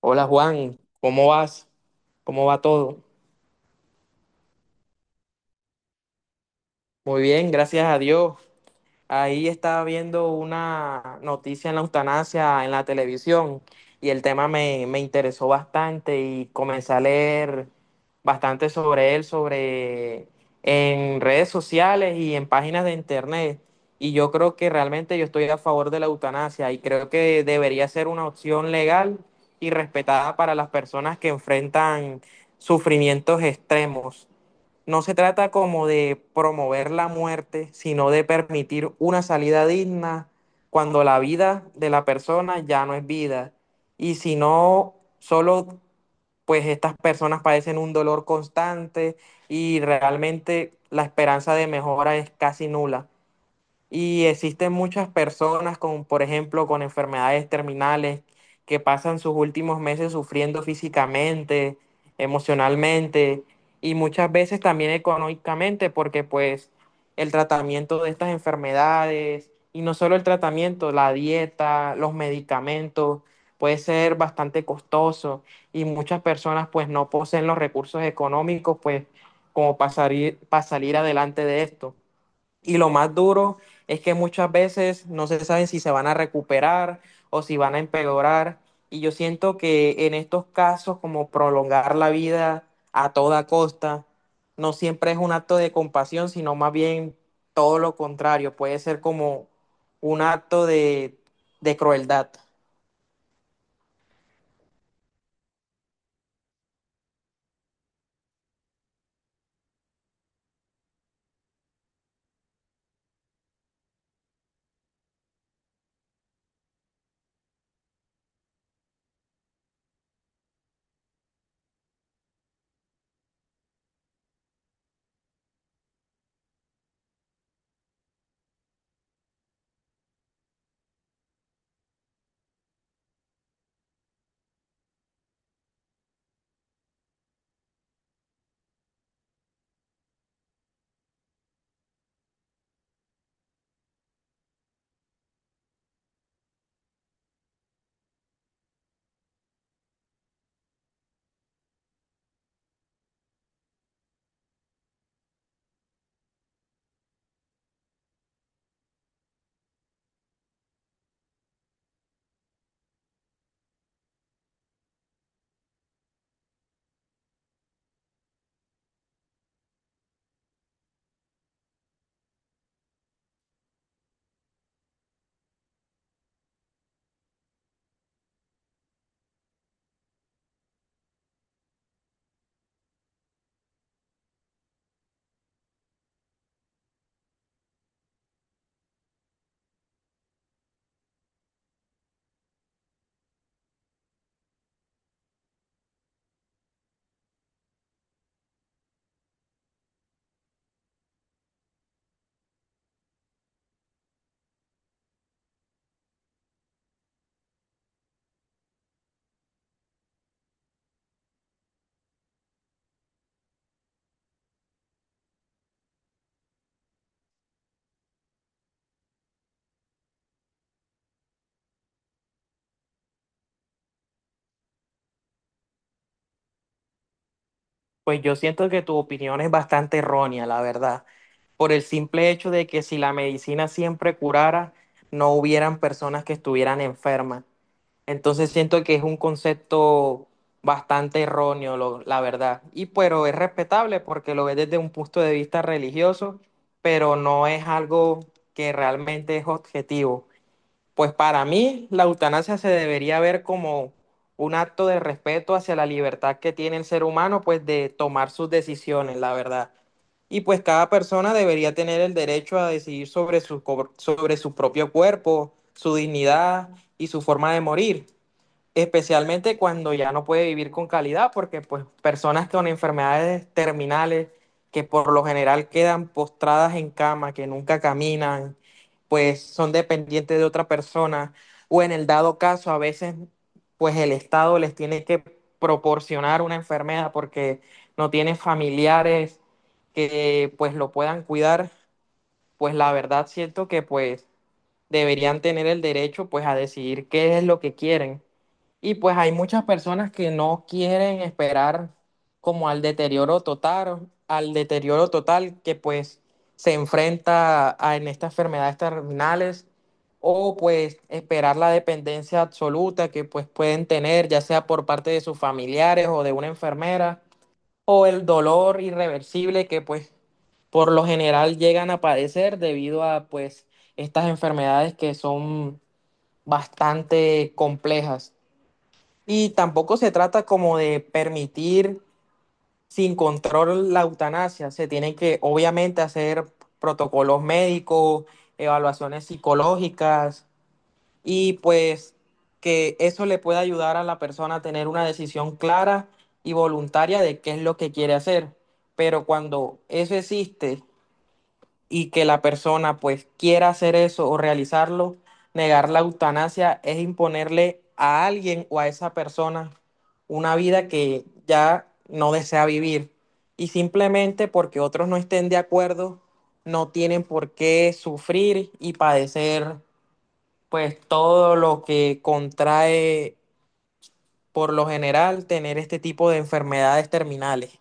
Hola Juan, ¿cómo vas? ¿Cómo va todo? Muy bien, gracias a Dios. Ahí estaba viendo una noticia en la eutanasia en la televisión y el tema me interesó bastante y comencé a leer bastante sobre él, sobre en redes sociales y en páginas de internet. Y yo creo que realmente yo estoy a favor de la eutanasia y creo que debería ser una opción legal y respetada para las personas que enfrentan sufrimientos extremos. No se trata como de promover la muerte, sino de permitir una salida digna cuando la vida de la persona ya no es vida. Y si no, solo pues estas personas padecen un dolor constante y realmente la esperanza de mejora es casi nula. Y existen muchas personas con, por ejemplo, con enfermedades terminales que pasan sus últimos meses sufriendo físicamente, emocionalmente y muchas veces también económicamente, porque pues el tratamiento de estas enfermedades, y no solo el tratamiento, la dieta, los medicamentos, puede ser bastante costoso y muchas personas pues no poseen los recursos económicos pues como para salir adelante de esto. Y lo más duro es que muchas veces no se saben si se van a recuperar o si van a empeorar. Y yo siento que en estos casos, como prolongar la vida a toda costa, no siempre es un acto de compasión, sino más bien todo lo contrario. Puede ser como un acto de crueldad. Pues yo siento que tu opinión es bastante errónea, la verdad, por el simple hecho de que si la medicina siempre curara, no hubieran personas que estuvieran enfermas. Entonces siento que es un concepto bastante erróneo, la verdad. Y pero es respetable porque lo ves desde un punto de vista religioso, pero no es algo que realmente es objetivo. Pues para mí la eutanasia se debería ver como un acto de respeto hacia la libertad que tiene el ser humano, pues de tomar sus decisiones, la verdad. Y pues cada persona debería tener el derecho a decidir sobre sobre su propio cuerpo, su dignidad y su forma de morir, especialmente cuando ya no puede vivir con calidad, porque pues personas con enfermedades terminales que por lo general quedan postradas en cama, que nunca caminan, pues son dependientes de otra persona, o en el dado caso a veces pues el Estado les tiene que proporcionar una enfermedad porque no tiene familiares que pues lo puedan cuidar, pues la verdad siento que pues deberían tener el derecho pues a decidir qué es lo que quieren y pues hay muchas personas que no quieren esperar como al deterioro total que pues se enfrenta en estas enfermedades terminales o pues esperar la dependencia absoluta que pues pueden tener ya sea por parte de sus familiares o de una enfermera o el dolor irreversible que pues por lo general llegan a padecer debido a pues estas enfermedades que son bastante complejas. Y tampoco se trata como de permitir sin control la eutanasia. Se tienen que, obviamente, hacer protocolos médicos, evaluaciones psicológicas y pues que eso le pueda ayudar a la persona a tener una decisión clara y voluntaria de qué es lo que quiere hacer. Pero cuando eso existe y que la persona pues quiera hacer eso o realizarlo, negar la eutanasia es imponerle a alguien o a esa persona una vida que ya no desea vivir. Y simplemente porque otros no estén de acuerdo, no tienen por qué sufrir y padecer pues todo lo que contrae por lo general tener este tipo de enfermedades terminales.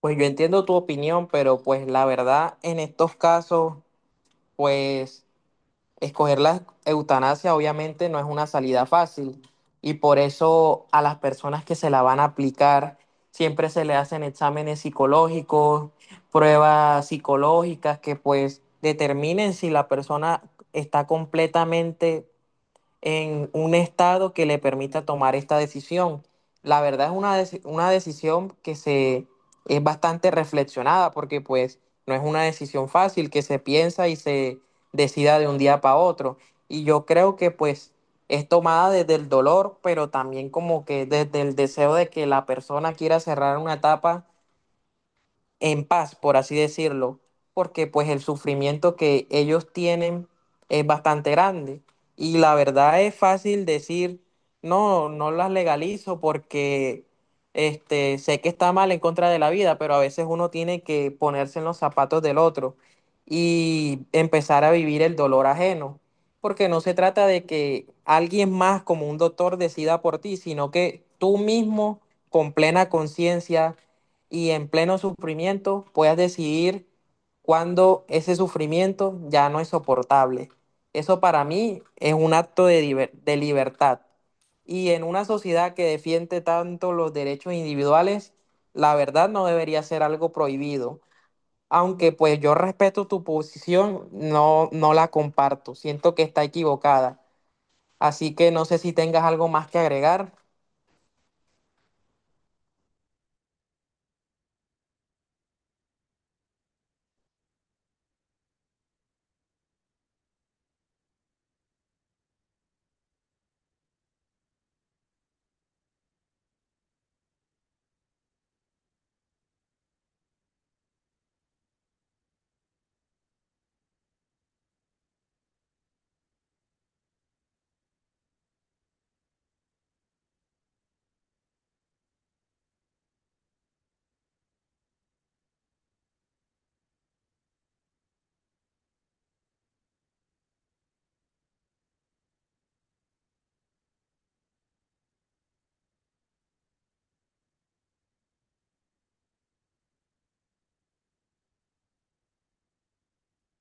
Pues yo entiendo tu opinión, pero pues la verdad en estos casos, pues escoger la eutanasia obviamente no es una salida fácil y por eso a las personas que se la van a aplicar siempre se le hacen exámenes psicológicos, pruebas psicológicas que pues determinen si la persona está completamente en un estado que le permita tomar esta decisión. La verdad es una decisión que se es bastante reflexionada porque pues no es una decisión fácil que se piensa y se decida de un día para otro. Y yo creo que pues es tomada desde el dolor, pero también como que desde el deseo de que la persona quiera cerrar una etapa en paz, por así decirlo, porque pues el sufrimiento que ellos tienen es bastante grande. Y la verdad es fácil decir, no, no las legalizo porque este, sé que está mal en contra de la vida, pero a veces uno tiene que ponerse en los zapatos del otro y empezar a vivir el dolor ajeno. Porque no se trata de que alguien más como un doctor decida por ti, sino que tú mismo con plena conciencia y en pleno sufrimiento puedas decidir cuando ese sufrimiento ya no es soportable. Eso para mí es un acto de libertad. Y en una sociedad que defiende tanto los derechos individuales, la verdad no debería ser algo prohibido. Aunque pues yo respeto tu posición, no, no la comparto. Siento que está equivocada. Así que no sé si tengas algo más que agregar.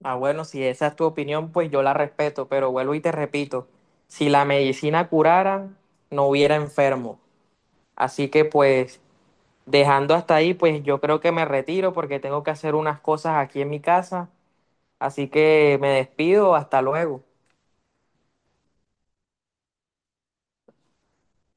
Ah, bueno, si esa es tu opinión, pues yo la respeto, pero vuelvo y te repito, si la medicina curara, no hubiera enfermo. Así que pues dejando hasta ahí, pues yo creo que me retiro porque tengo que hacer unas cosas aquí en mi casa. Así que me despido, hasta luego.